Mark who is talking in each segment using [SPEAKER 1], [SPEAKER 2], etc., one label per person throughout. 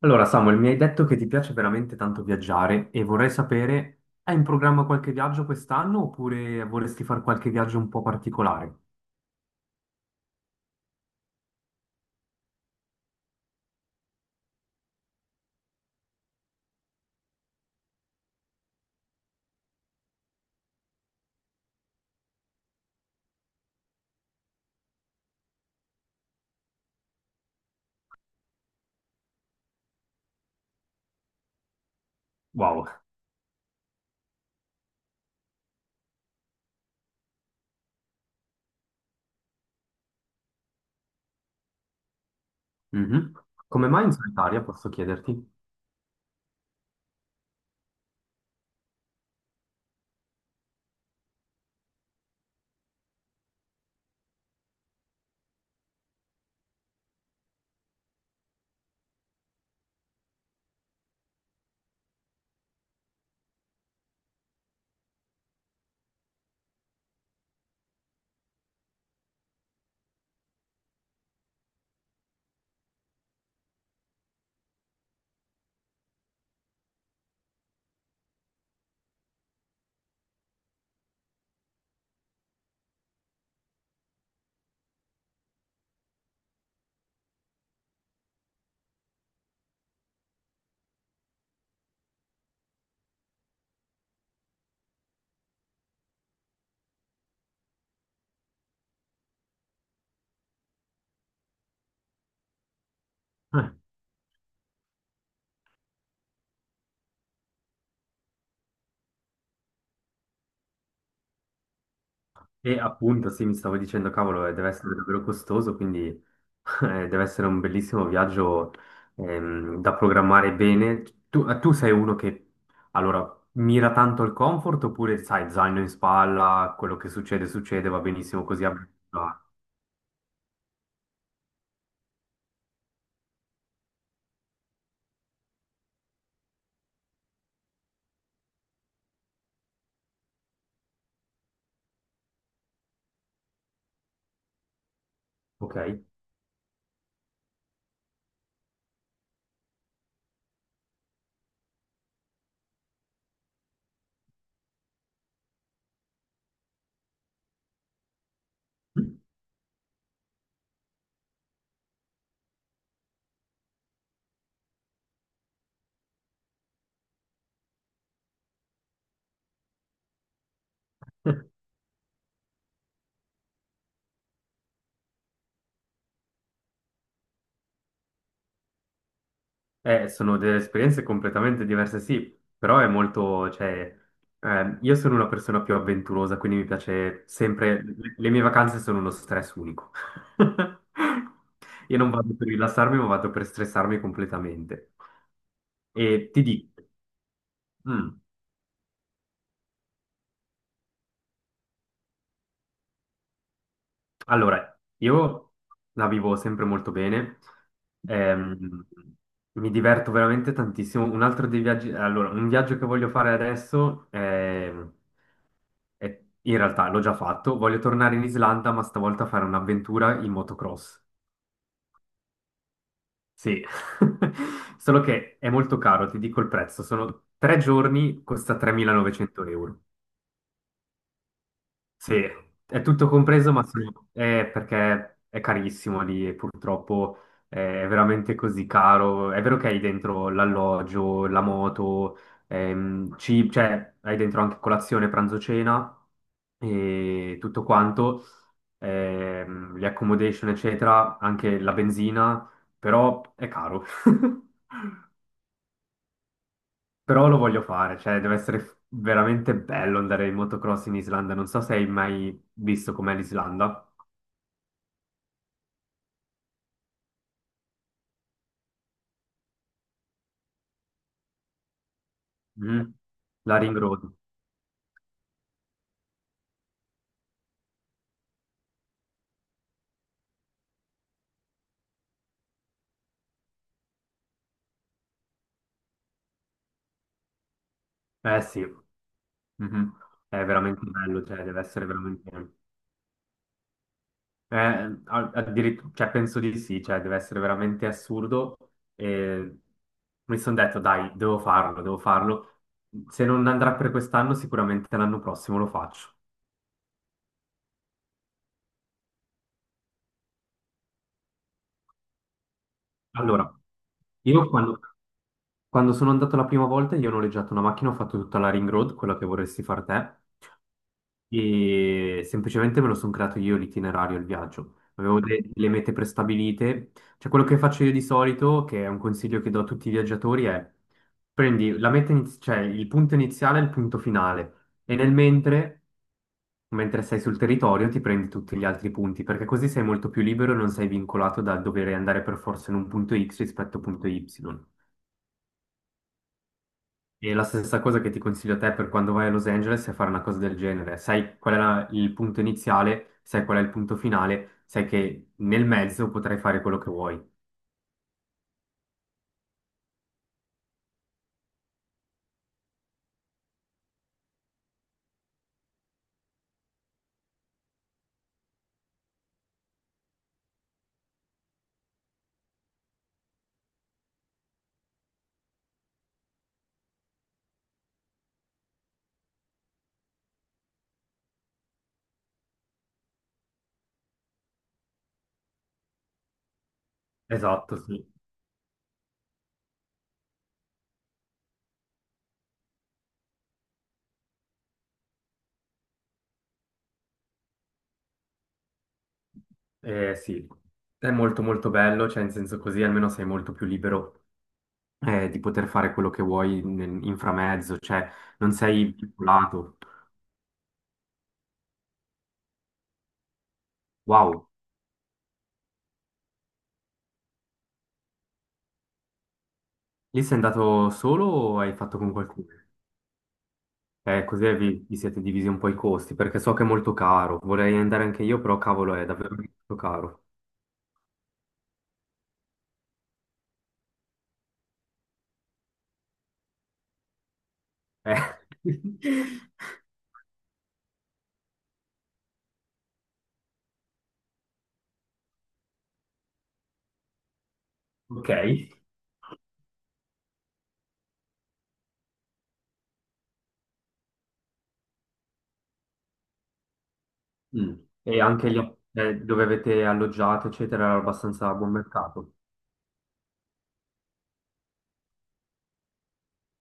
[SPEAKER 1] Allora, Samuel, mi hai detto che ti piace veramente tanto viaggiare e vorrei sapere, hai in programma qualche viaggio quest'anno oppure vorresti fare qualche viaggio un po' particolare? Wow. Mhm. Come mai in solitaria, posso chiederti? Eh, E appunto, sì, mi stavo dicendo, cavolo, deve essere davvero costoso, quindi. Deve essere un bellissimo viaggio, da programmare bene. Tu sei uno che, allora, mira tanto al comfort oppure, sai, zaino in spalla, quello che succede, succede, va benissimo così. Ok. Sono delle esperienze completamente diverse, sì, però è molto, cioè, io sono una persona più avventurosa, quindi mi piace sempre, le mie vacanze sono uno stress unico. Io non vado per rilassarmi, ma vado per stressarmi completamente. E ti dico, mm, allora, io la vivo sempre molto bene, ehm, mi diverto veramente tantissimo. Un altro dei viaggi, allora, un viaggio che voglio fare adesso, in realtà l'ho già fatto, voglio tornare in Islanda, ma stavolta fare un'avventura in motocross. Sì, solo che è molto caro, ti dico il prezzo, sono 3 giorni, costa 3.900 euro. Sì, è tutto compreso, ma sì, è perché è carissimo lì e purtroppo è veramente così caro. È vero che hai dentro l'alloggio, la moto, cioè hai dentro anche colazione, pranzo, cena e tutto quanto, le accommodation, eccetera, anche la benzina, però è caro. Però lo voglio fare, cioè deve essere veramente bello andare in motocross in Islanda. Non so se hai mai visto com'è l'Islanda. Mhm. La Ring Road. Eh sì. Mhm. È veramente bello, cioè deve essere veramente, eh, cioè, penso di sì, cioè deve essere veramente assurdo. E mi sono detto, dai, devo farlo, devo farlo. Se non andrà per quest'anno, sicuramente l'anno prossimo lo faccio. Allora, io quando sono andato la prima volta, io ho noleggiato una macchina, ho fatto tutta la Ring Road, quella che vorresti far te. E semplicemente me lo sono creato io l'itinerario, il viaggio. Avevo delle mete prestabilite. Cioè, quello che faccio io di solito, che è un consiglio che do a tutti i viaggiatori, è prendi la meta cioè il punto iniziale e il punto finale. E nel mentre, mentre sei sul territorio, ti prendi tutti gli altri punti, perché così sei molto più libero e non sei vincolato dal dover andare per forza in un punto X rispetto a un punto Y. E la stessa cosa che ti consiglio a te per quando vai a Los Angeles è fare una cosa del genere. Sai qual è il punto iniziale, sai qual è il punto finale, sai che nel mezzo potrai fare quello che vuoi. Esatto, sì. Sì. È molto molto bello, cioè in senso così almeno sei molto più libero, di poter fare quello che vuoi in, framezzo, cioè non sei vincolato. Wow, lì sei andato solo o hai fatto con qualcuno? Così vi siete divisi un po' i costi, perché so che è molto caro. Vorrei andare anche io, però cavolo, è davvero molto caro. Eh. Ok. Mm. E anche gli, dove avete alloggiato, eccetera, era abbastanza a buon mercato.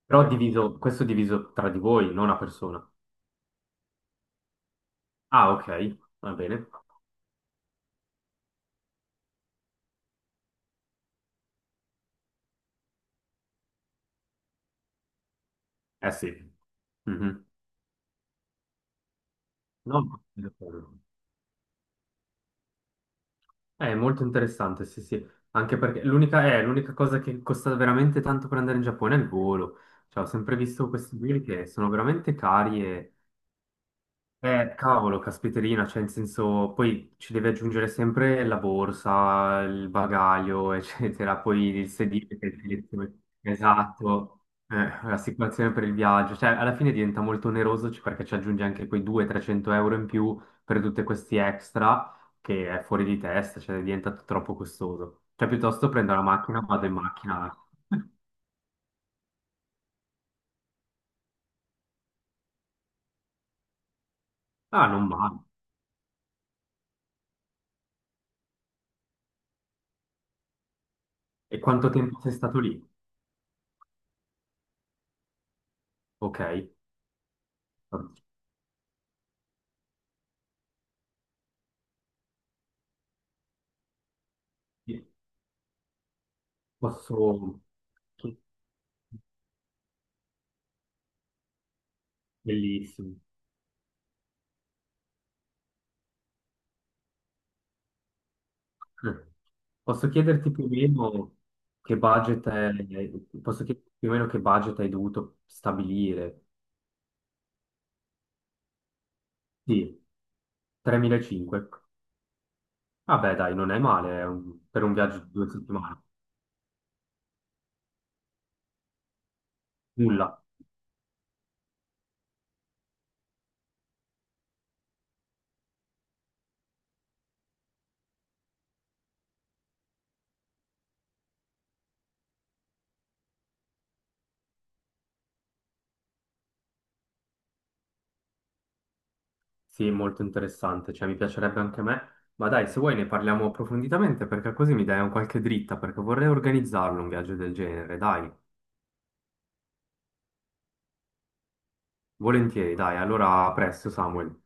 [SPEAKER 1] Però diviso, questo è diviso tra di voi, non a persona. Ah, ok, va bene. Eh sì. Mhm. No. È molto interessante, sì, sì, anche perché l'unica l'unica cosa che costa veramente tanto per andare in Giappone è il volo. Cioè, ho sempre visto questi voli che sono veramente cari, cavolo, caspiterina, cioè in senso, poi ci devi aggiungere sempre la borsa, il bagaglio, eccetera, poi il sedile, che esatto. L'assicurazione per il viaggio, cioè alla fine diventa molto oneroso perché ci aggiungi anche quei 200-300 euro in più per tutti questi extra, che è fuori di testa, cioè diventa troppo costoso. Cioè piuttosto prendo la macchina, vado in macchina. Ah, non male. E quanto tempo sei stato lì? Ok. Posso... Bellissimo. Eh. Posso chiederti più o meno che budget è... Posso chiederti più o meno che budget hai dovuto stabilire? Sì, 3.500. Vabbè, dai, non è male, è per un viaggio di 2 settimane. Nulla. Sì, è molto interessante, cioè mi piacerebbe anche a me. Ma dai, se vuoi ne parliamo approfonditamente perché così mi dai un qualche dritta, perché vorrei organizzarlo un viaggio del genere, dai. Volentieri, dai. Allora, a presto, Samuel.